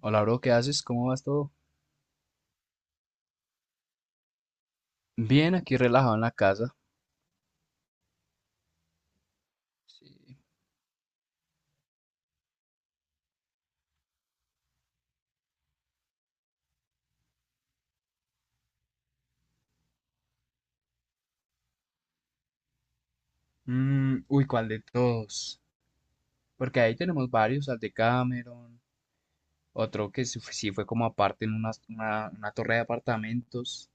Hola, bro, ¿qué haces? ¿Cómo vas todo? Bien, aquí relajado en la casa. Sí. Mm, uy, ¿cuál de todos? Porque ahí tenemos varios, al de Cameron, otro que sí fue como aparte en una, una torre de apartamentos.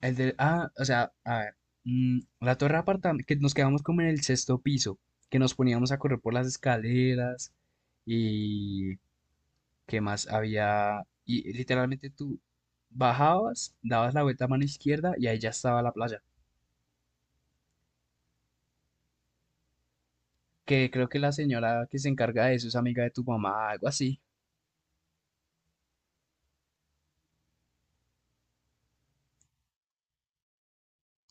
El de, ah, o sea, a ver, mm, la torre de apartamentos, que nos quedamos como en el sexto piso, que nos poníamos a correr por las escaleras y qué más había, y literalmente tú bajabas, dabas la vuelta a mano izquierda y ahí ya estaba la playa. Que creo que la señora que se encarga de eso es amiga de tu mamá, algo así.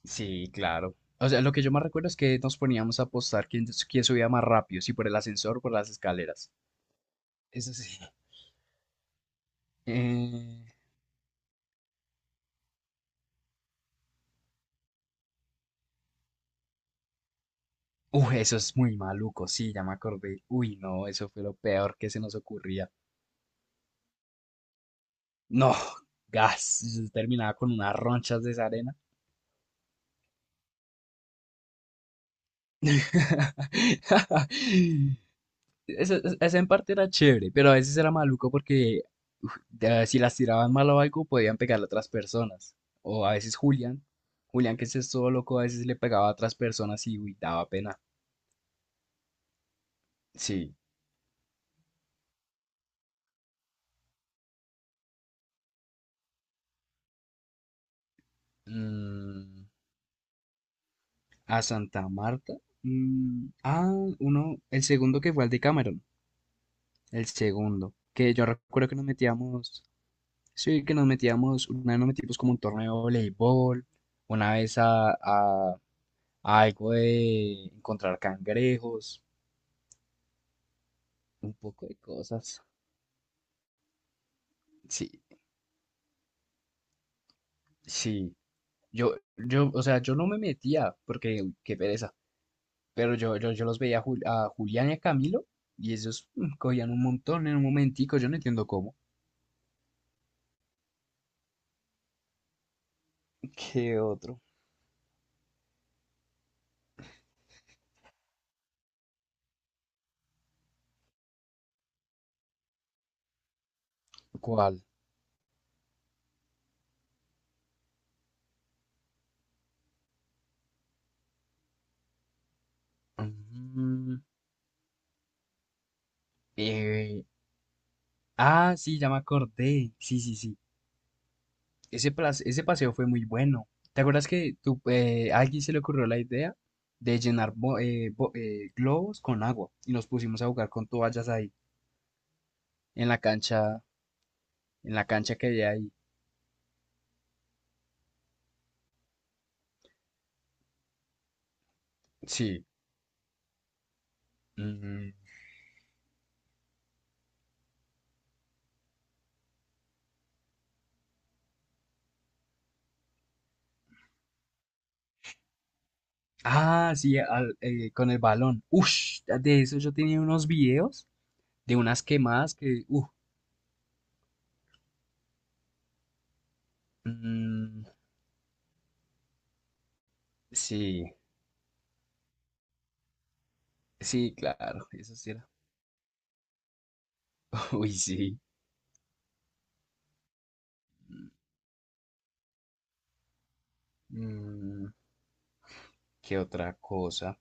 Sí, claro. O sea, lo que yo más recuerdo es que nos poníamos a apostar quién, subía más rápido, si por el ascensor o por las escaleras. Eso sí. Eh... Uy, eso es muy maluco, sí, ya me acordé. Uy, no, eso fue lo peor que se nos ocurría. No, gas, yo terminaba con unas ronchas de esa arena. Ese, en parte era chévere, pero a veces era maluco porque uf, si las tiraban mal o algo, podían pegarle a otras personas. O a veces Julián, que ese es todo loco, a veces le pegaba a otras personas y uy, daba pena. Sí. Mm, a Santa Marta. mm, ah, uno, el segundo que fue al de Cameron. El segundo. Que yo recuerdo que nos metíamos. Sí, que nos metíamos. Una vez nos metimos como un torneo de voleibol. Una vez algo de encontrar cangrejos, un poco de cosas. Sí, sí. O sea, yo no me metía porque, uy, qué pereza. Pero yo los veía a, a Julián y a Camilo y ellos mm, cogían un montón en un momentico. Yo no entiendo cómo. ¿Qué otro? ¿Cuál? Mm, eh, sí, ya me acordé. Sí, sí, sí. Ese, ese paseo fue muy bueno. ¿Te acuerdas que tú, a alguien se le ocurrió la idea de llenar globos con agua y nos pusimos a jugar con toallas ahí en la cancha, que había ahí? Sí. Mm. Ah, sí, con el balón. Ush, de eso yo tenía unos videos de unas quemadas que, mm, sí, sí, claro, eso sí era. Uy, sí. Mm, ¿qué otra cosa?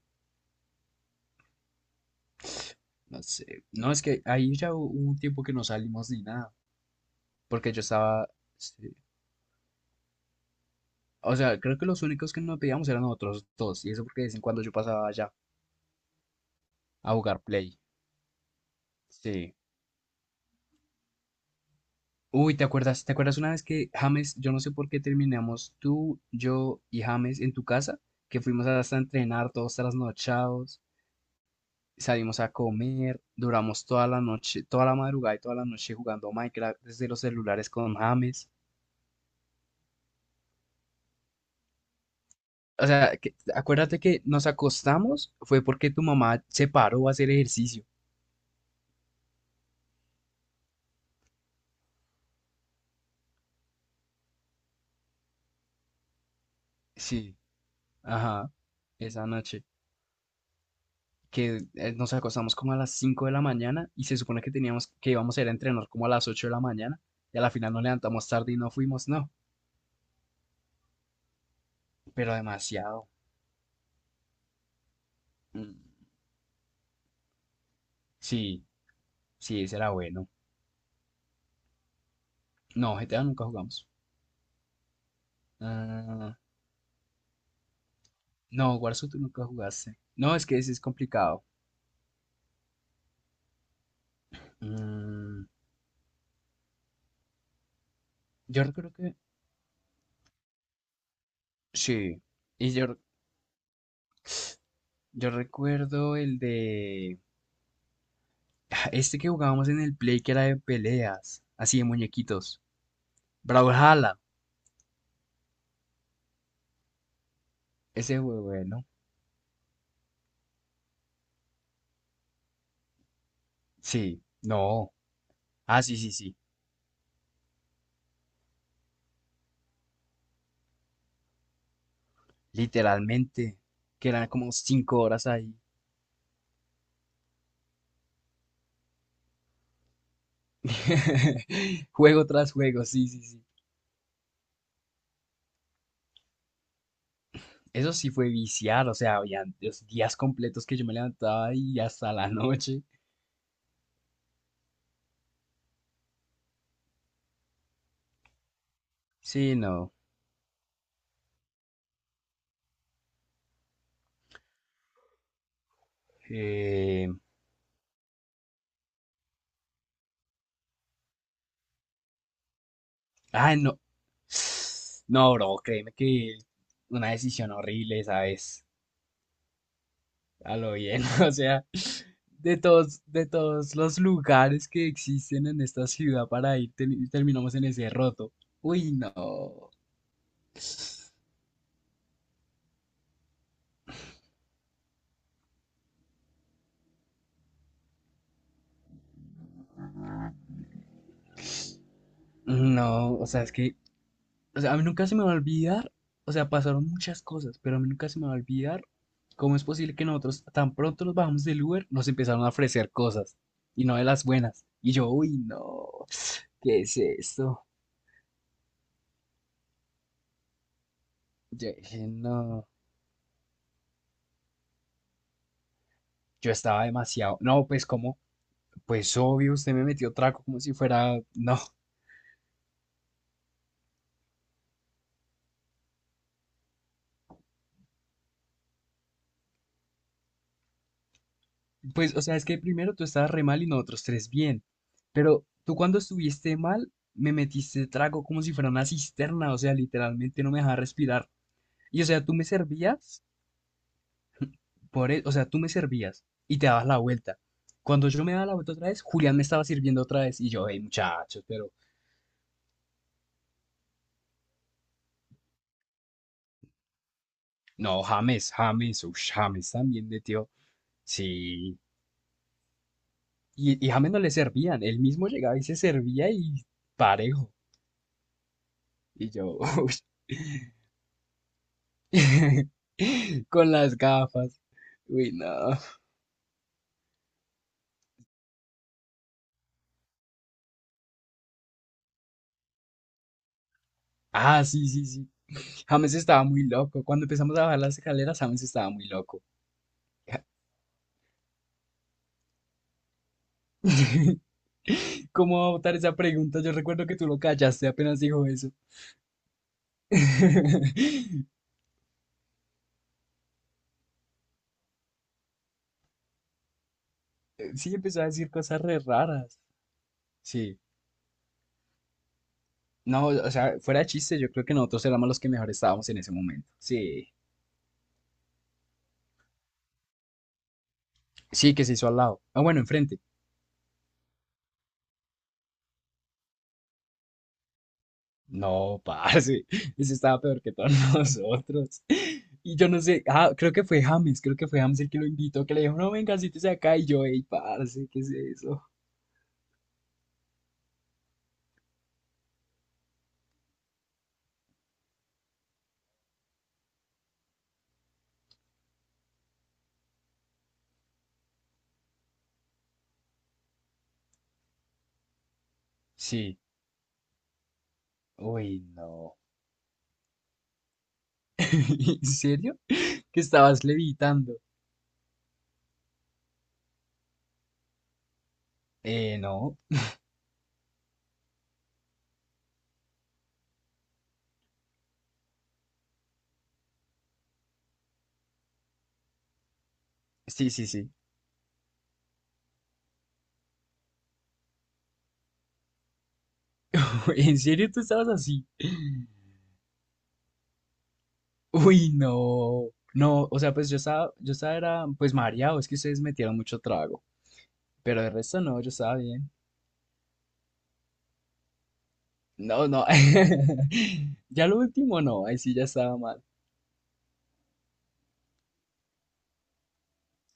No sé. No, es que ahí ya hubo un tiempo que no salimos ni nada. Porque yo estaba. Sí. O sea, creo que los únicos que no pedíamos eran nosotros dos. Y eso porque de vez en cuando yo pasaba allá a jugar Play. Sí. Uy, ¿te acuerdas? ¿Te acuerdas una vez que James, yo no sé por qué terminamos tú, yo y James en tu casa? Que fuimos hasta a entrenar todos trasnochados. Salimos a comer, duramos toda la noche, toda la madrugada y toda la noche jugando Minecraft desde los celulares con James. O sea, acuérdate que nos acostamos fue porque tu mamá se paró a hacer ejercicio. Sí, ajá, esa noche. Que nos acostamos como a las 5 de la mañana y se supone que teníamos que íbamos a ir a entrenar como a las 8 de la mañana y a la final nos levantamos tarde y no fuimos, no, pero demasiado. Mm, sí, sí, ese era bueno. No, GTA nunca jugamos. Ah, no, Warzone tú nunca jugaste. No, es que ese es complicado. Mm, yo creo que sí. Y yo, yo recuerdo el de... Este que jugábamos en el Play que era de peleas, así de muñequitos. Brawlhalla. Ese fue bueno. Sí, no. Ah, sí, sí, sí. Literalmente. Que eran como cinco horas ahí. Juego tras juego, sí, sí, sí. Eso sí fue viciar, o sea, habían los días completos que yo me levantaba y hasta la noche. Sí, no. Eh, ay, no. No, bro, créeme que una decisión horrible, ¿sabes? A lo bien, o sea, de todos, los lugares que existen en esta ciudad para ir, terminamos en ese roto. Uy, no. No, o sea, a mí nunca se me va a olvidar, o sea, pasaron muchas cosas, pero a mí nunca se me va a olvidar cómo es posible que nosotros tan pronto nos bajamos del Uber, nos empezaron a ofrecer cosas y no de las buenas. Y yo, uy, no, ¿qué es esto? Yo dije, no, yo estaba demasiado. No, pues como, pues obvio, usted me metió trago como si fuera. No, pues, o sea, es que primero tú estabas re mal y nosotros tres bien. Pero tú cuando estuviste mal, me metiste trago como si fuera una cisterna, o sea, literalmente no me dejaba respirar. Y o sea, tú me servías, por e- o sea, tú me servías y te dabas la vuelta. Cuando yo me daba la vuelta otra vez, Julián me estaba sirviendo otra vez. Y yo, hey, muchachos, pero. No, James, uff, James también metió. Sí. Y, James no le servían, él mismo llegaba y se servía y parejo. Y yo, uy, con las gafas. Uy, no. Ah, sí, sí, sí. James estaba muy loco. Cuando empezamos a bajar las escaleras, James estaba muy loco. ¿Cómo va a votar esa pregunta? Yo recuerdo que tú lo callaste apenas dijo eso. Sí, empezó a decir cosas re raras. Sí. No, o sea, fuera de chiste, yo creo que nosotros éramos los que mejor estábamos en ese momento. Sí. Sí, que se hizo al lado. Ah, bueno, enfrente. No, parce, ese estaba peor que todos nosotros. Y yo no sé, ah, creo que fue James el que lo invitó, que le dijo, no, venga, siéntese acá. Y yo, ey, parce, ¿qué es eso? Sí, uy, no. ¿En serio? ¿Que estabas levitando? No. Sí, sí, sí. ¿En serio tú estabas así? Uy, no. No, o sea, pues yo estaba, era, pues mareado, es que ustedes metieron mucho trago. Pero de resto no, yo estaba bien. No, no. Ya lo último no, ahí sí ya estaba mal.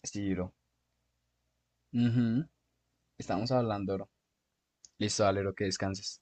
Sí, bro. Ujú, estamos hablando, bro. Listo, dale, lo que descanses.